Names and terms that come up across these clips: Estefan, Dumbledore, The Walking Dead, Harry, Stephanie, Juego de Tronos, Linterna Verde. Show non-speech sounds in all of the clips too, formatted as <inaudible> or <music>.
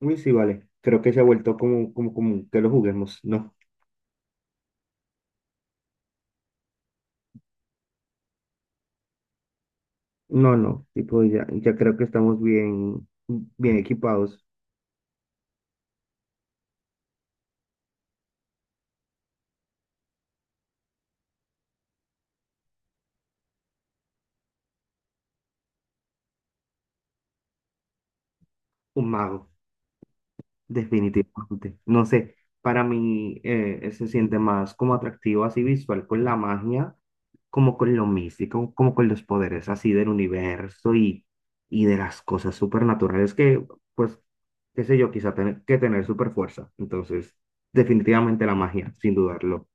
Uy, sí, vale. Creo que se ha vuelto como, como común que lo juguemos. No, no, no. Tipo, ya creo que estamos bien equipados. Un mago, definitivamente. No sé, para mí se siente más como atractivo, así visual, con la magia, como con lo místico, como con los poderes así del universo y de las cosas supernaturales que, pues, qué sé yo, quizá tener que tener super fuerza. Entonces, definitivamente la magia, sin dudarlo.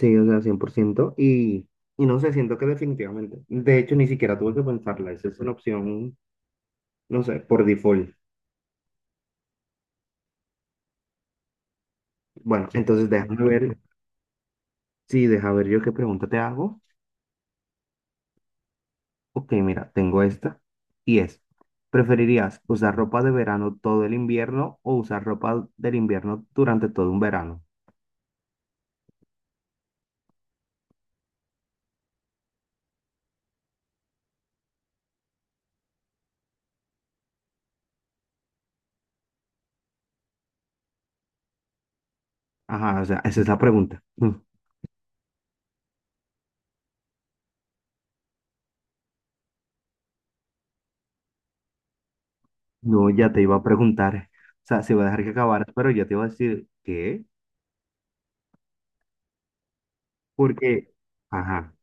Sí, o sea, 100%. Y no sé, siento que definitivamente. De hecho, ni siquiera tuve que pensarla. Esa es una opción, no sé, por default. Bueno, sí, entonces déjame ver. Sí, deja ver yo qué pregunta te hago. Ok, mira, tengo esta. Y es, ¿preferirías usar ropa de verano todo el invierno o usar ropa del invierno durante todo un verano? Ajá, o sea, esa es la pregunta. No, ya te iba a preguntar. O sea, se va a dejar que acabaras, pero ya te iba a decir, ¿qué? Porque, ajá.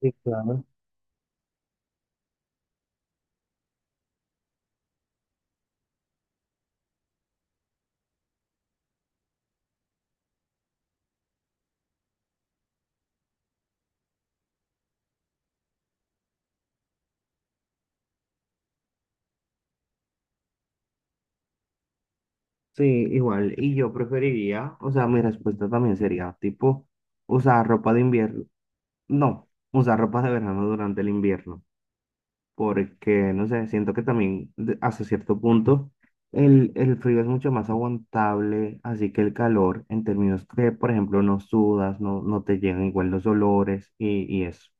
Sí, claro. Sí, igual. Y yo preferiría, o sea, mi respuesta también sería, tipo, usar ropa de invierno. No, usar ropa de verano durante el invierno. Porque, no sé, siento que también de- hasta cierto punto el frío es mucho más aguantable, así que el calor, en términos que, por ejemplo, no sudas, no, no te llegan igual los olores y eso.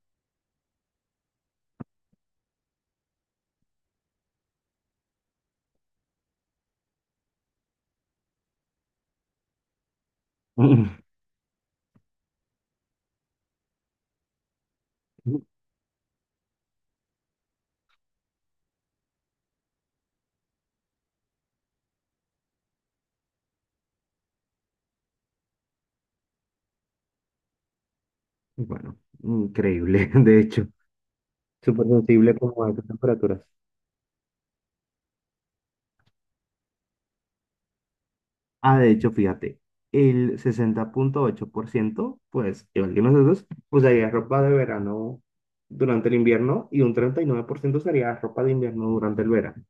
<laughs> Y bueno, increíble, <laughs> de hecho, súper sensible como a estas temperaturas. Ah, de hecho, fíjate, el 60,8%, pues, igual que nosotros, usaría ropa de verano durante el invierno y un 39% usaría ropa de invierno durante el verano.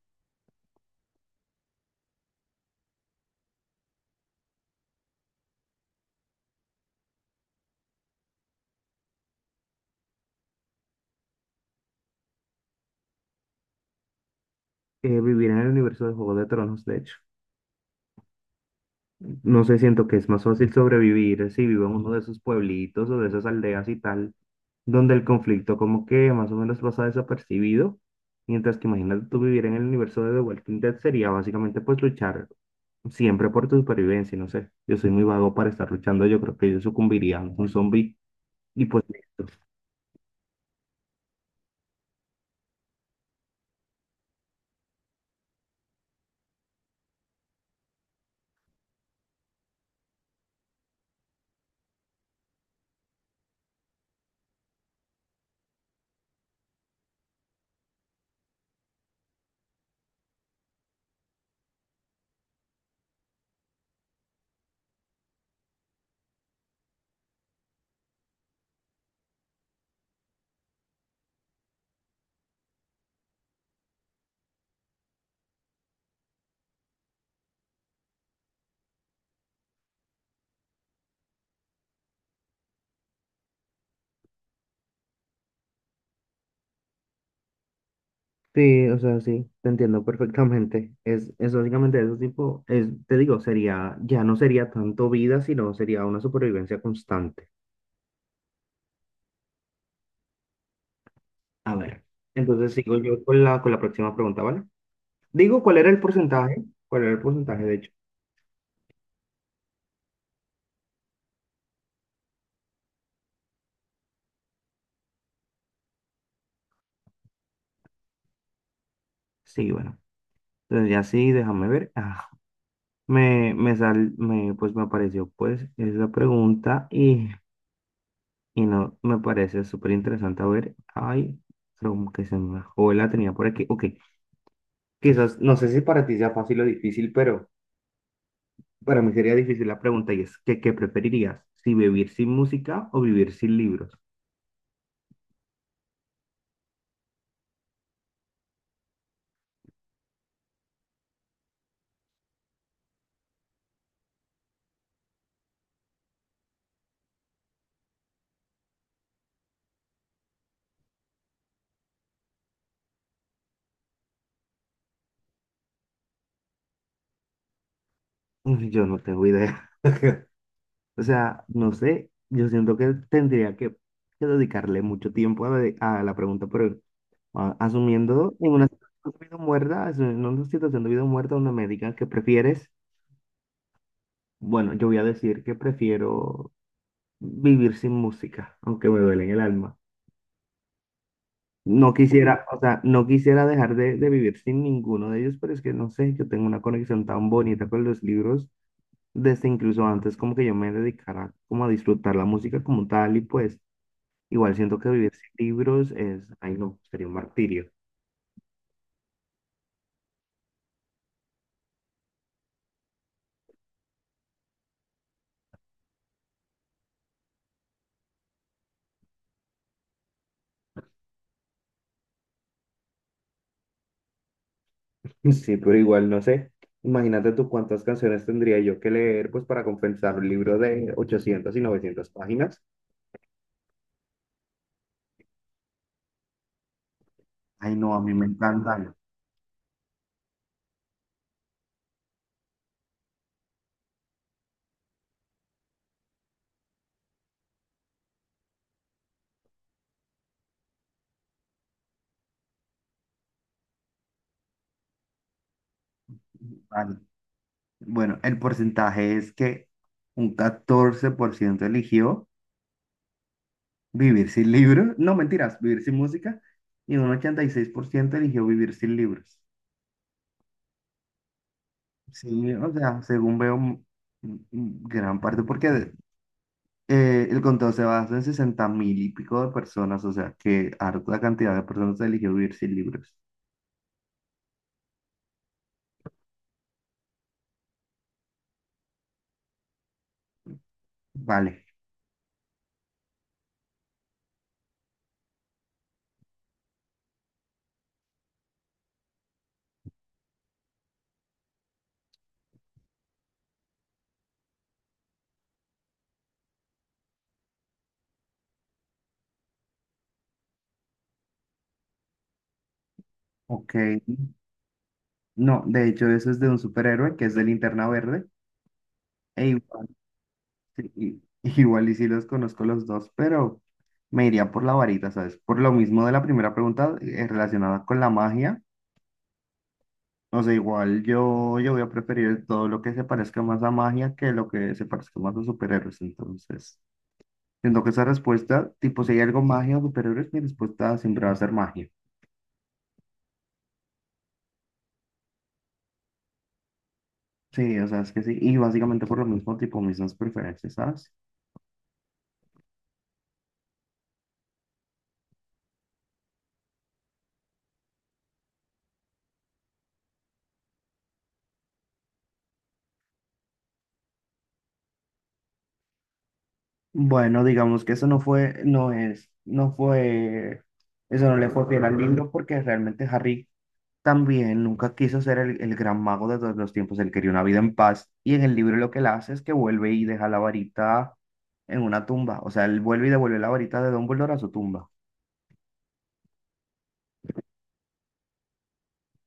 Vivir en el universo de Juego de Tronos, de hecho. No sé, siento que es más fácil sobrevivir si vivo en uno de esos pueblitos o de esas aldeas y tal, donde el conflicto como que más o menos pasa desapercibido, mientras que imagínate tú vivir en el universo de The Walking Dead sería básicamente pues luchar siempre por tu supervivencia, no sé. Yo soy muy vago para estar luchando. Yo creo que yo sucumbiría a un zombie y pues listo. Sí, o sea, sí, te entiendo perfectamente. Es básicamente eso tipo, es, te digo, sería, ya no sería tanto vida, sino sería una supervivencia constante. A ver, entonces sigo yo con la próxima pregunta, ¿vale? Digo, ¿cuál era el porcentaje? ¿Cuál era el porcentaje, de hecho? Sí, bueno. Entonces ya sí, déjame ver. Ah, me sal, me, pues me apareció pues esa pregunta. Y no, me parece súper interesante. A ver, ay, creo que se me bajó, la tenía por aquí. Ok, quizás, no sé si para ti sea fácil o difícil, pero para mí sería difícil la pregunta y es, ¿qué, qué preferirías? ¿Si ¿vivir sin música o vivir sin libros? Uy, yo no tengo idea. <laughs> O sea, no sé, yo siento que tendría que dedicarle mucho tiempo a, de- a la pregunta, pero a- asumiendo en una situación de vida o muerta, asumiendo en una situación de vida o muerta donde me digan que prefieres, bueno, yo voy a decir que prefiero vivir sin música, aunque me duele en el alma. No quisiera, o sea, no quisiera dejar de vivir sin ninguno de ellos, pero es que no sé, yo tengo una conexión tan bonita con los libros, desde incluso antes como que yo me dedicara como a disfrutar la música como tal y pues igual siento que vivir sin libros es, ay no, sería un martirio. <laughs> Sí, pero igual no sé. Imagínate tú cuántas canciones tendría yo que leer pues para compensar un libro de 800 y 900 páginas. Ay, no, a mí me encantan. Bueno, el porcentaje es que un 14% eligió vivir sin libros, no mentiras, vivir sin música, y un 86% eligió vivir sin libros. Sí, o sea, según veo, m- m- gran parte, porque de- el conteo se basa en 60.000 y pico de personas, o sea, que harta cantidad de personas eligió vivir sin libros. Vale, ok. No, de hecho, eso es de un superhéroe que es de Linterna Verde. E igual. Sí, y- igual y sí los conozco los dos, pero me iría por la varita, ¿sabes? Por lo mismo de la primera pregunta, relacionada con la magia. O sea, igual yo voy a preferir todo lo que se parezca más a magia que lo que se parezca más a superhéroes. Entonces, siento que esa respuesta, tipo, si hay algo magia o superhéroes, mi respuesta siempre va a ser magia. Sí, o sea, es que sí. Y básicamente por lo mismo, tipo, mismas preferencias, ¿sabes? Bueno, digamos que eso no fue, no es, no fue, eso no le fue fiel al libro porque realmente Harry también nunca quiso ser el gran mago de todos los tiempos, él quería una vida en paz y en el libro lo que él hace es que vuelve y deja la varita en una tumba, o sea, él vuelve y devuelve la varita de Dumbledore a su tumba.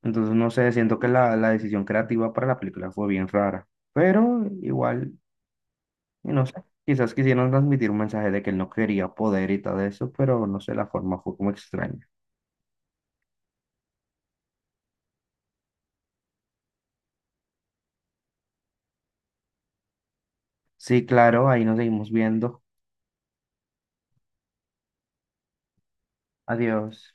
Entonces, no sé, siento que la decisión creativa para la película fue bien rara, pero igual, y no sé, quizás quisieron transmitir un mensaje de que él no quería poder y todo eso, pero no sé, la forma fue como extraña. Sí, claro, ahí nos seguimos viendo. Adiós.